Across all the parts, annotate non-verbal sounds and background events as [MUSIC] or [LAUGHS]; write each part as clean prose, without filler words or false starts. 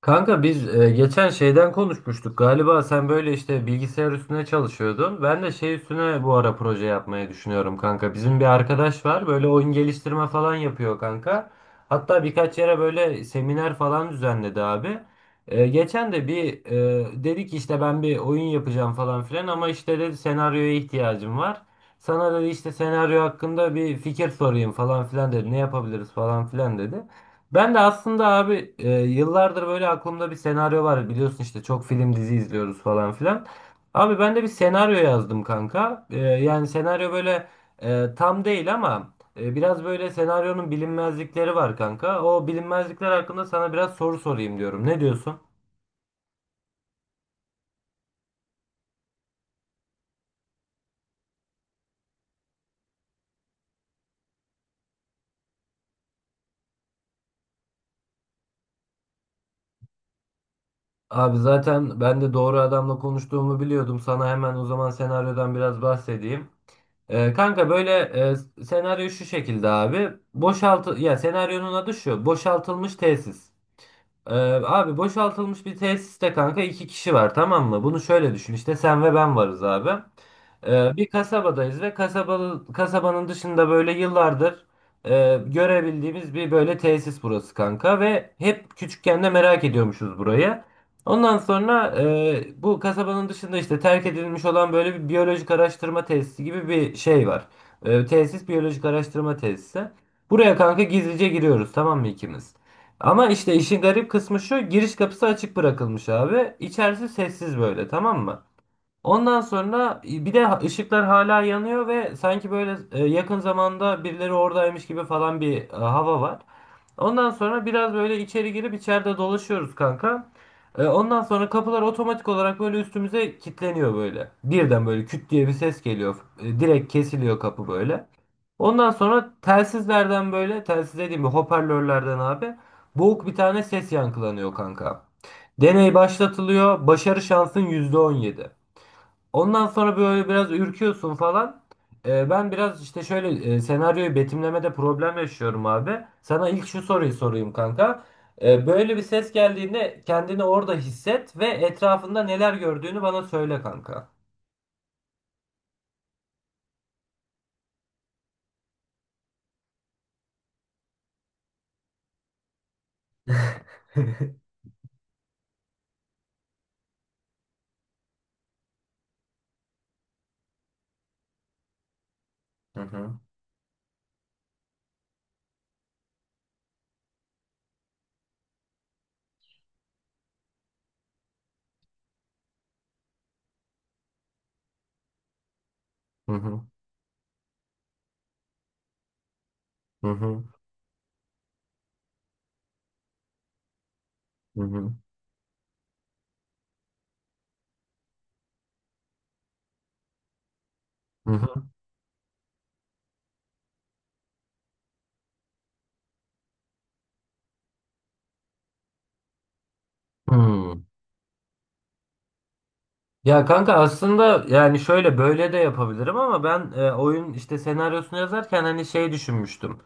Kanka biz geçen şeyden konuşmuştuk galiba, sen böyle işte bilgisayar üstüne çalışıyordun. Ben de şey üstüne bu ara proje yapmayı düşünüyorum kanka. Bizim bir arkadaş var böyle oyun geliştirme falan yapıyor kanka. Hatta birkaç yere böyle seminer falan düzenledi abi. Geçen de bir dedi ki işte ben bir oyun yapacağım falan filan, ama işte dedi senaryoya ihtiyacım var. Sana dedi işte senaryo hakkında bir fikir sorayım falan filan dedi. Ne yapabiliriz falan filan dedi. Ben de aslında abi yıllardır böyle aklımda bir senaryo var. Biliyorsun işte çok film dizi izliyoruz falan filan. Abi ben de bir senaryo yazdım kanka. Yani senaryo böyle tam değil, ama biraz böyle senaryonun bilinmezlikleri var kanka. O bilinmezlikler hakkında sana biraz soru sorayım diyorum. Ne diyorsun? Abi zaten ben de doğru adamla konuştuğumu biliyordum. Sana hemen o zaman senaryodan biraz bahsedeyim. Kanka böyle, senaryo şu şekilde abi. Boşaltı ya, senaryonun adı şu. Boşaltılmış tesis. Ee, Abi boşaltılmış bir tesiste kanka iki kişi var, tamam mı? Bunu şöyle düşün, işte sen ve ben varız abi. Bir kasabadayız ve kasabalı, kasabanın dışında böyle yıllardır görebildiğimiz bir böyle tesis burası kanka, ve hep küçükken de merak ediyormuşuz burayı. Ondan sonra bu kasabanın dışında işte terk edilmiş olan böyle bir biyolojik araştırma tesisi gibi bir şey var. Tesis biyolojik araştırma tesisi. Buraya kanka gizlice giriyoruz, tamam mı ikimiz? Ama işte işin garip kısmı şu, giriş kapısı açık bırakılmış abi. İçerisi sessiz böyle, tamam mı? Ondan sonra bir de ışıklar hala yanıyor ve sanki böyle yakın zamanda birileri oradaymış gibi falan bir hava var. Ondan sonra biraz böyle içeri girip içeride dolaşıyoruz kanka. Ondan sonra kapılar otomatik olarak böyle üstümüze kilitleniyor böyle. Birden böyle küt diye bir ses geliyor. Direkt kesiliyor kapı böyle. Ondan sonra telsizlerden, böyle telsiz dediğim bir hoparlörlerden abi, boğuk bir tane ses yankılanıyor kanka. Deney başlatılıyor. Başarı şansın %17. Ondan sonra böyle biraz ürküyorsun falan. Ben biraz işte şöyle senaryoyu betimlemede problem yaşıyorum abi. Sana ilk şu soruyu sorayım kanka. Böyle bir ses geldiğinde kendini orada hisset ve etrafında neler gördüğünü bana söyle kanka. [LAUGHS] Hı hı. Hı hı, hı hı, hı hı, hı hı, hı. Hmm. Ya kanka aslında yani şöyle böyle de yapabilirim, ama ben oyun işte senaryosunu yazarken hani şey düşünmüştüm.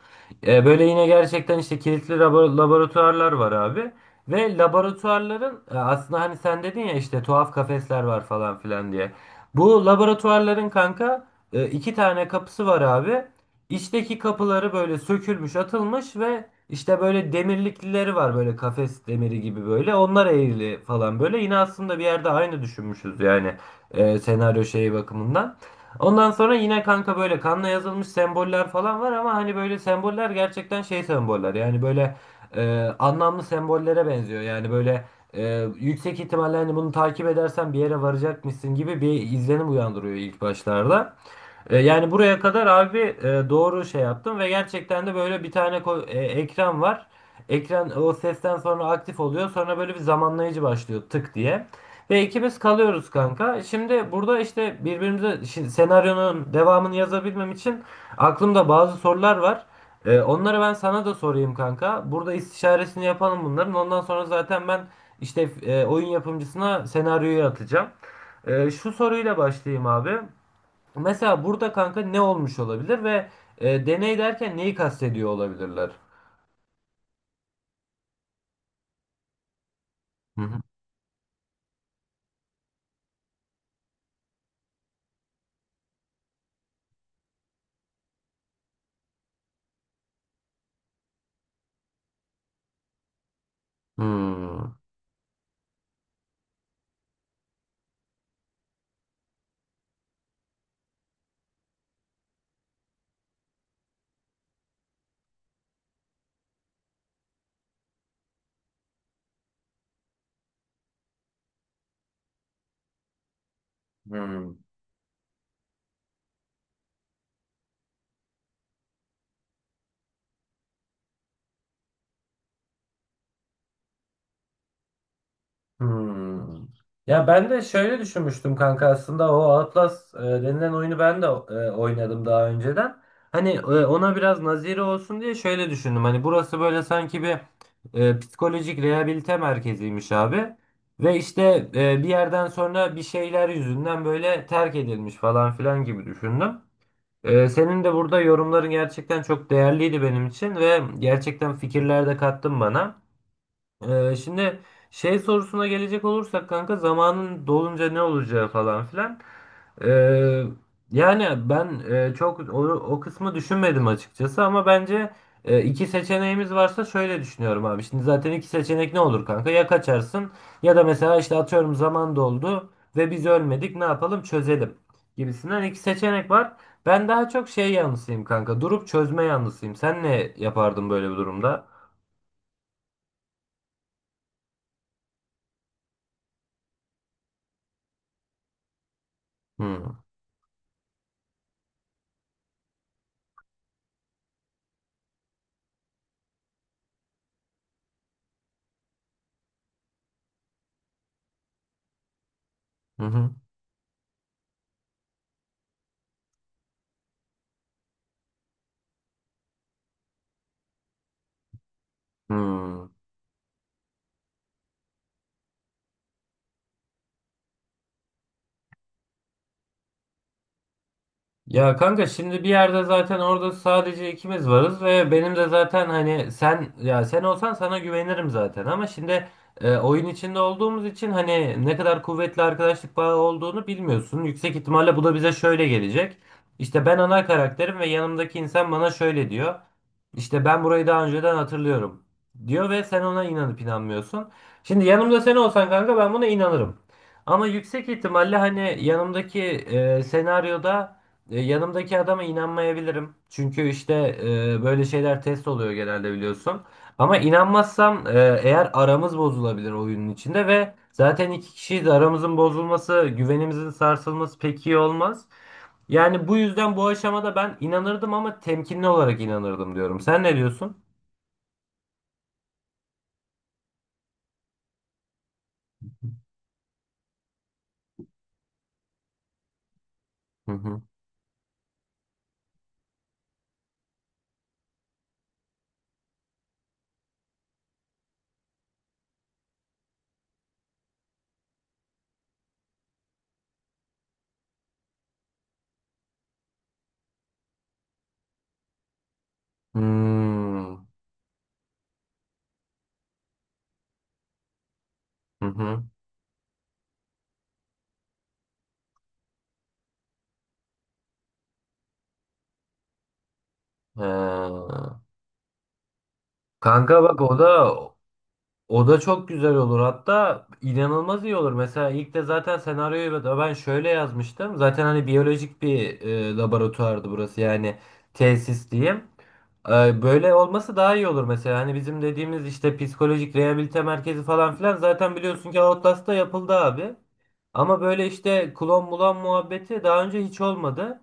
Böyle yine gerçekten işte kilitli laboratuvarlar var abi. Ve laboratuvarların aslında hani sen dedin ya işte tuhaf kafesler var falan filan diye. Bu laboratuvarların kanka iki tane kapısı var abi. İçteki kapıları böyle sökülmüş, atılmış ve işte böyle demirlikleri var böyle, kafes demiri gibi böyle. Onlar eğrili falan böyle. Yine aslında bir yerde aynı düşünmüşüz yani, senaryo şeyi bakımından. Ondan sonra yine kanka böyle kanla yazılmış semboller falan var, ama hani böyle semboller gerçekten şey semboller. Yani böyle anlamlı sembollere benziyor. Yani böyle yüksek ihtimalle hani bunu takip edersen bir yere varacakmışsın gibi bir izlenim uyandırıyor ilk başlarda. Yani buraya kadar abi doğru şey yaptım ve gerçekten de böyle bir tane ekran var. Ekran o sesten sonra aktif oluyor. Sonra böyle bir zamanlayıcı başlıyor tık diye. Ve ikimiz kalıyoruz kanka. Şimdi burada işte birbirimize, şimdi senaryonun devamını yazabilmem için aklımda bazı sorular var. Onları ben sana da sorayım kanka. Burada istişaresini yapalım bunların. Ondan sonra zaten ben işte oyun yapımcısına senaryoyu atacağım. Şu soruyla başlayayım abi. Mesela burada kanka ne olmuş olabilir ve deney derken neyi kastediyor olabilirler? Hı hı. Hmm. Hmm. Hmm. Ya ben de şöyle düşünmüştüm kanka, aslında o Outlast denilen oyunu ben de oynadım daha önceden. Hani ona biraz naziri olsun diye şöyle düşündüm. Hani burası böyle sanki bir psikolojik rehabilite merkeziymiş abi. Ve işte bir yerden sonra bir şeyler yüzünden böyle terk edilmiş falan filan gibi düşündüm. Senin de burada yorumların gerçekten çok değerliydi benim için, ve gerçekten fikirler de kattın bana. Şimdi şey sorusuna gelecek olursak kanka, zamanın dolunca ne olacağı falan filan. Ee, Yani ben çok o kısmı düşünmedim açıkçası, ama bence iki seçeneğimiz varsa şöyle düşünüyorum abi. Şimdi zaten iki seçenek ne olur kanka? Ya kaçarsın, ya da mesela işte atıyorum zaman doldu ve biz ölmedik, ne yapalım çözelim gibisinden iki seçenek var. Ben daha çok şey yanlısıyım kanka, durup çözme yanlısıyım. Sen ne yapardın böyle bir durumda? Hmm. Hı hı. Hmm. Ya kanka, şimdi bir yerde zaten orada sadece ikimiz varız ve benim de zaten, hani sen, ya sen olsan sana güvenirim zaten, ama şimdi oyun içinde olduğumuz için hani ne kadar kuvvetli arkadaşlık bağı olduğunu bilmiyorsun. Yüksek ihtimalle bu da bize şöyle gelecek. İşte ben ana karakterim ve yanımdaki insan bana şöyle diyor. İşte ben burayı daha önceden hatırlıyorum diyor, ve sen ona inanıp inanmıyorsun. Şimdi yanımda sen olsan kanka ben buna inanırım. Ama yüksek ihtimalle hani yanımdaki senaryoda yanımdaki adama inanmayabilirim. Çünkü işte böyle şeyler test oluyor genelde biliyorsun. Ama inanmazsam eğer, aramız bozulabilir oyunun içinde ve zaten iki kişiyiz, aramızın bozulması, güvenimizin sarsılması pek iyi olmaz. Yani bu yüzden bu aşamada ben inanırdım, ama temkinli olarak inanırdım diyorum. Sen ne diyorsun? Hı hı. Hmm. Hı hı. Ee, Kanka bak, o da çok güzel olur. Hatta inanılmaz iyi olur. Mesela ilk de zaten senaryoyu da ben şöyle yazmıştım. Zaten hani biyolojik bir laboratuvardı burası. Yani tesis diyeyim. Böyle olması daha iyi olur mesela. Hani bizim dediğimiz işte psikolojik rehabilite merkezi falan filan zaten biliyorsun ki Outlast'ta yapıldı abi. Ama böyle işte klon bulan muhabbeti daha önce hiç olmadı.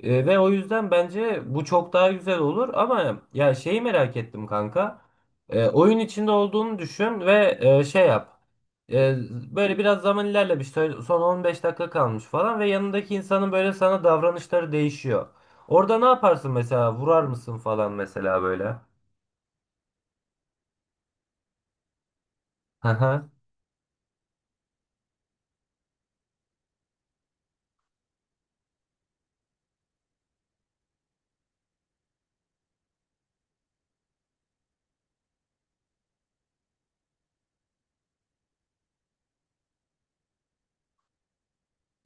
Ve o yüzden bence bu çok daha güzel olur. Ama ya şeyi merak ettim kanka. Oyun içinde olduğunu düşün ve şey yap. E, Böyle biraz zaman ilerlemiş. Şöyle son 15 dakika kalmış falan ve yanındaki insanın böyle sana davranışları değişiyor. Orada ne yaparsın mesela? Vurar mısın falan mesela böyle? [LAUGHS]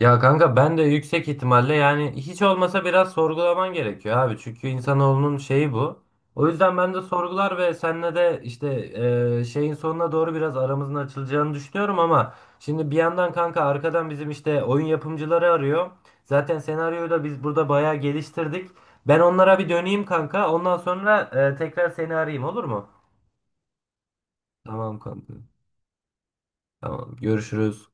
Ya kanka ben de yüksek ihtimalle, yani hiç olmasa biraz sorgulaman gerekiyor abi. Çünkü insanoğlunun şeyi bu. O yüzden ben de sorgular ve seninle de işte şeyin sonuna doğru biraz aramızın açılacağını düşünüyorum, ama şimdi bir yandan kanka arkadan bizim işte oyun yapımcıları arıyor. Zaten senaryoyu da biz burada bayağı geliştirdik. Ben onlara bir döneyim kanka. Ondan sonra tekrar seni arayayım, olur mu? Tamam kanka. Tamam. Görüşürüz.